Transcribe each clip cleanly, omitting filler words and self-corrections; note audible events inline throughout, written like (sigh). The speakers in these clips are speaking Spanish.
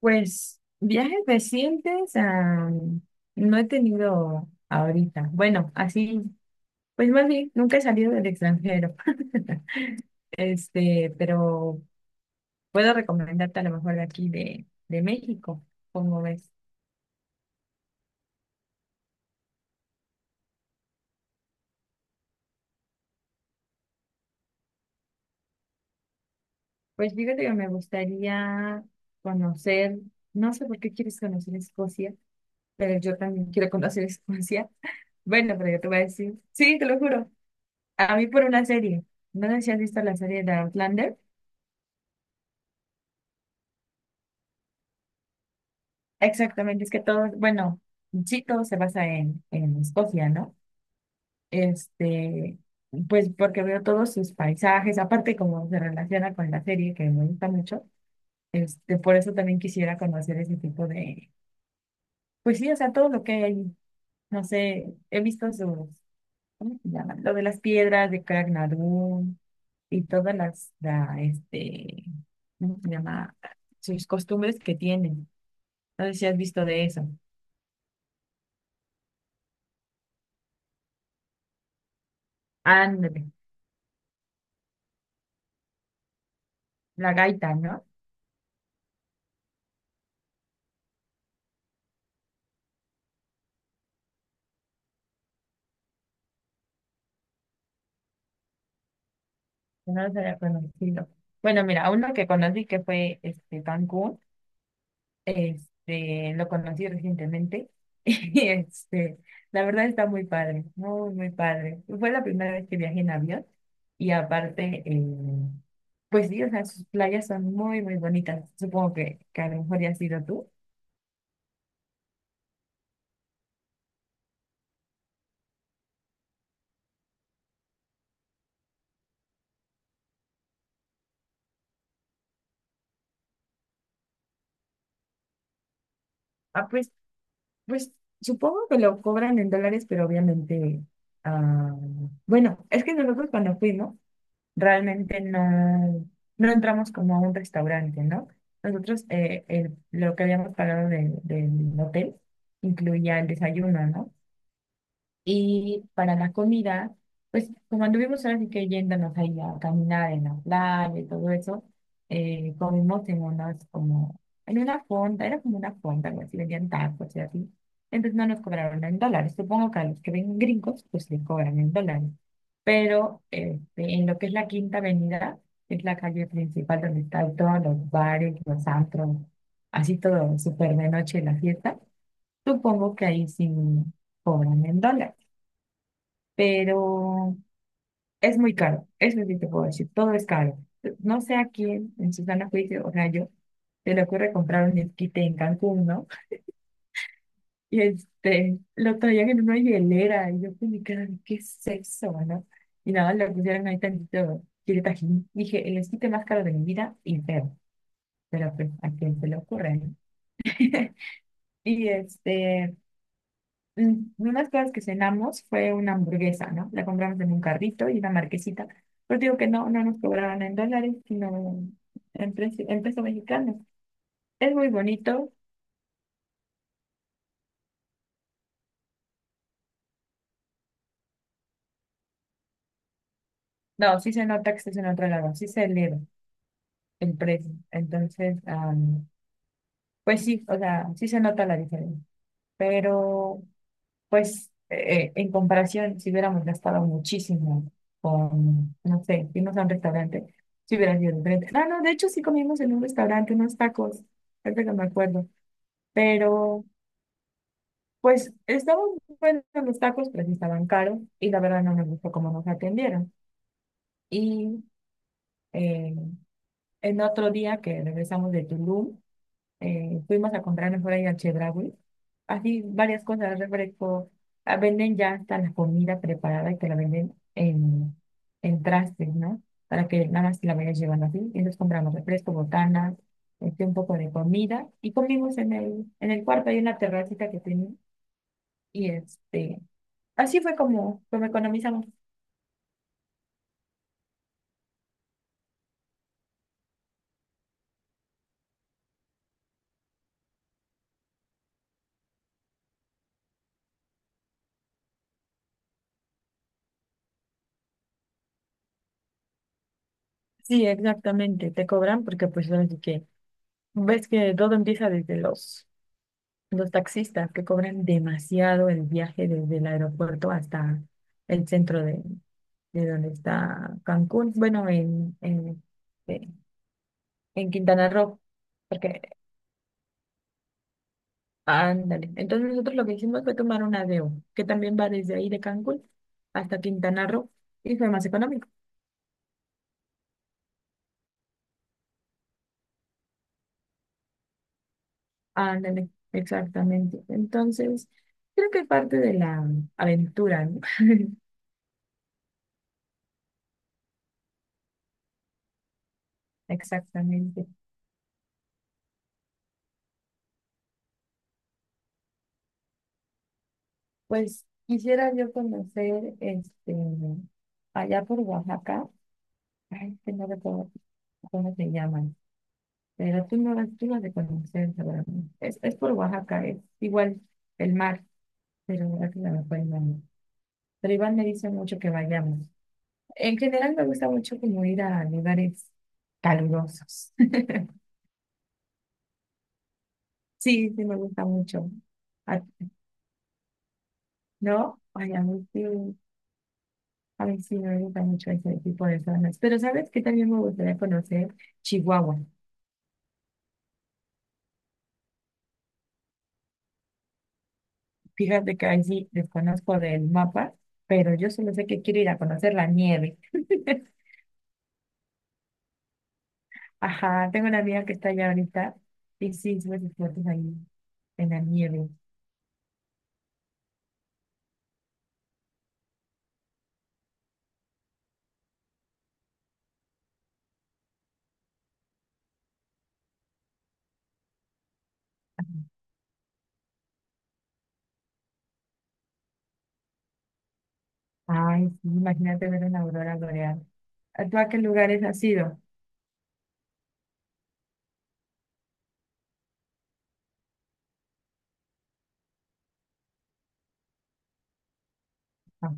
Pues viajes recientes, no he tenido ahorita. Bueno, así, pues más bien, nunca he salido del extranjero. (laughs) Este, pero puedo recomendarte a lo mejor de aquí de México, como ves. Pues fíjate que me gustaría conocer, no sé por qué quieres conocer Escocia, pero yo también quiero conocer (laughs) Escocia. Bueno, pero yo te voy a decir, sí, te lo juro, a mí por una serie. No sé si has visto la serie de Outlander. Exactamente, es que todo, bueno, sí, todo se basa en Escocia, ¿no? Este, pues porque veo todos sus paisajes, aparte como se relaciona con la serie que me gusta mucho, este, por eso también quisiera conocer ese tipo de, pues sí, o sea, todo lo que hay ahí, no sé, he visto sus, ¿cómo se llama? Lo de las piedras de Crag Nardun y todas la, este, ¿cómo se llama? Sus costumbres que tienen, no sé si has visto de eso. Ándale. La gaita, ¿no? Yo no los había conocido. Bueno, mira, uno que conocí que fue este Cancún, este, lo conocí recientemente. (laughs) Y este, la verdad está muy padre, muy, muy padre. Fue la primera vez que viajé en avión. Y aparte, pues sí, o sea, sus playas son muy, muy bonitas. Supongo que a lo mejor ya has ido tú. Ah, pues supongo que lo cobran en dólares, pero obviamente, ah, bueno, es que nosotros cuando fuimos realmente no, no entramos como a un restaurante, ¿no? Nosotros lo que habíamos pagado del hotel incluía el desayuno, ¿no? Y para la comida, pues como anduvimos ahora sí que yéndonos ahí a caminar en la playa y todo eso, comimos en unas como, en una fonda, era como una fonda, algo así, vendían tacos y así. Entonces no nos cobraron en dólares. Supongo que a los que ven gringos, pues les cobran en dólares. Pero este, en lo que es la Quinta Avenida, que es la calle principal donde están todos los bares, los antros, así todo súper de noche la fiesta, supongo que ahí sí cobran en dólares, pero es muy caro, eso sí te puedo decir, todo es caro. No sé a quién en su sano juicio, o sea, yo, se le ocurre comprar un esquite en Cancún, ¿no? Y este, lo traían en una hielera, y yo pues me quedaba, ¿qué es eso, no? Y nada, le pusieron ahí tantito chile Tajín. Dije, el esquite más caro de mi vida, y feo, pero pues, a quién se le ocurre, ¿no? (laughs) Y este, unas cosas que cenamos fue una hamburguesa, ¿no? La compramos en un carrito y una marquesita. Pero digo que no, no nos cobraban en dólares, sino en peso mexicano. Es muy bonito. No, sí se nota que estás en otro lado, sí se eleva el precio. Entonces, pues sí, o sea, sí se nota la diferencia. Pero pues en comparación, si hubiéramos gastado muchísimo con, no sé, irnos a un restaurante, si hubiera sido diferente. Ah, no, de hecho sí comimos en un restaurante unos tacos, ahorita que me acuerdo. Pero pues estaban buenos los tacos, pero sí estaban caros y la verdad no nos gustó cómo nos atendieron. Y eh, en otro día que regresamos de Tulum, fuimos a comprar mejor ahí al Chedraui. Así varias cosas, refresco. Ah, venden ya hasta la comida preparada y te la venden en, trastes, ¿no? Para que nada más la vayas llevando así. Y entonces compramos refresco, botanas, este, un poco de comida. Y comimos en el cuarto, hay una terracita que tenía. Y este, así fue como economizamos. Sí, exactamente, te cobran porque pues así que ves que todo empieza desde los taxistas que cobran demasiado el viaje desde el aeropuerto hasta el centro de donde está Cancún, bueno, en, eh, en Quintana Roo, porque, ándale. Entonces nosotros lo que hicimos fue tomar un ADEO que también va desde ahí de Cancún hasta Quintana Roo, y fue más económico. Ándale, exactamente. Entonces, creo que es parte de la aventura, ¿no? (laughs) Exactamente. Pues quisiera yo conocer, este, allá por Oaxaca, ay, que no recuerdo cómo se llaman, pero tú no las, tú las de conocer, seguramente. Es por Oaxaca, es igual el mar, pero ahora que se me fue el nombre. Pero Iván me dice mucho que vayamos. En general me gusta mucho como ir a lugares calurosos. (laughs) Sí, sí me gusta mucho. A- ¿No? Ay, a mí sí. Ay, sí, me gusta mucho ese tipo de zonas. Pero ¿sabes qué también me gustaría conocer? Chihuahua. Fíjate que ahí sí desconozco del mapa, pero yo solo sé que quiero ir a conocer la nieve. (laughs) Ajá, tengo una amiga que está allá ahorita y sí, sube sus fotos ahí en la nieve. Ay, sí, imagínate ver una aurora boreal. ¿A ¿Tú a qué lugares has ido? Ah,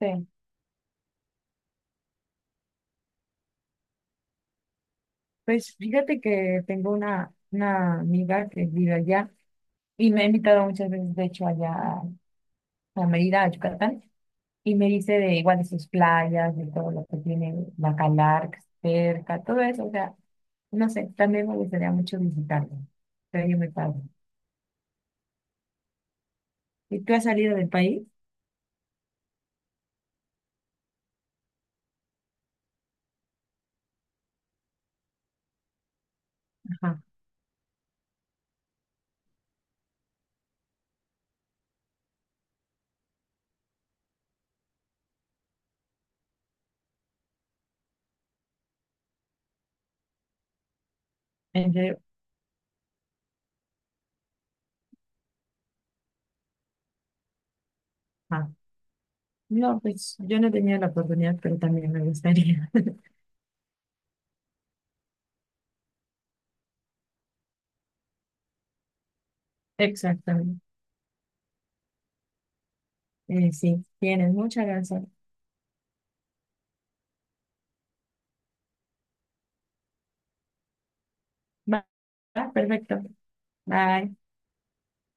sí. Pues fíjate que tengo una amiga que vive allá y me ha invitado muchas veces, de hecho, allá a Mérida, a Yucatán, y me dice de igual de sus playas, de todo lo que tiene Bacalar cerca, todo eso, o sea, no sé, también me gustaría mucho visitarlo, sería muy padre. ¿Y tú has salido del país? Ajá, en serio, ajá. No, pues yo no tenía la oportunidad, pero también me gustaría. (laughs) Exactamente. Sí, tienes mucha razón. Va, va, perfecto. Bye.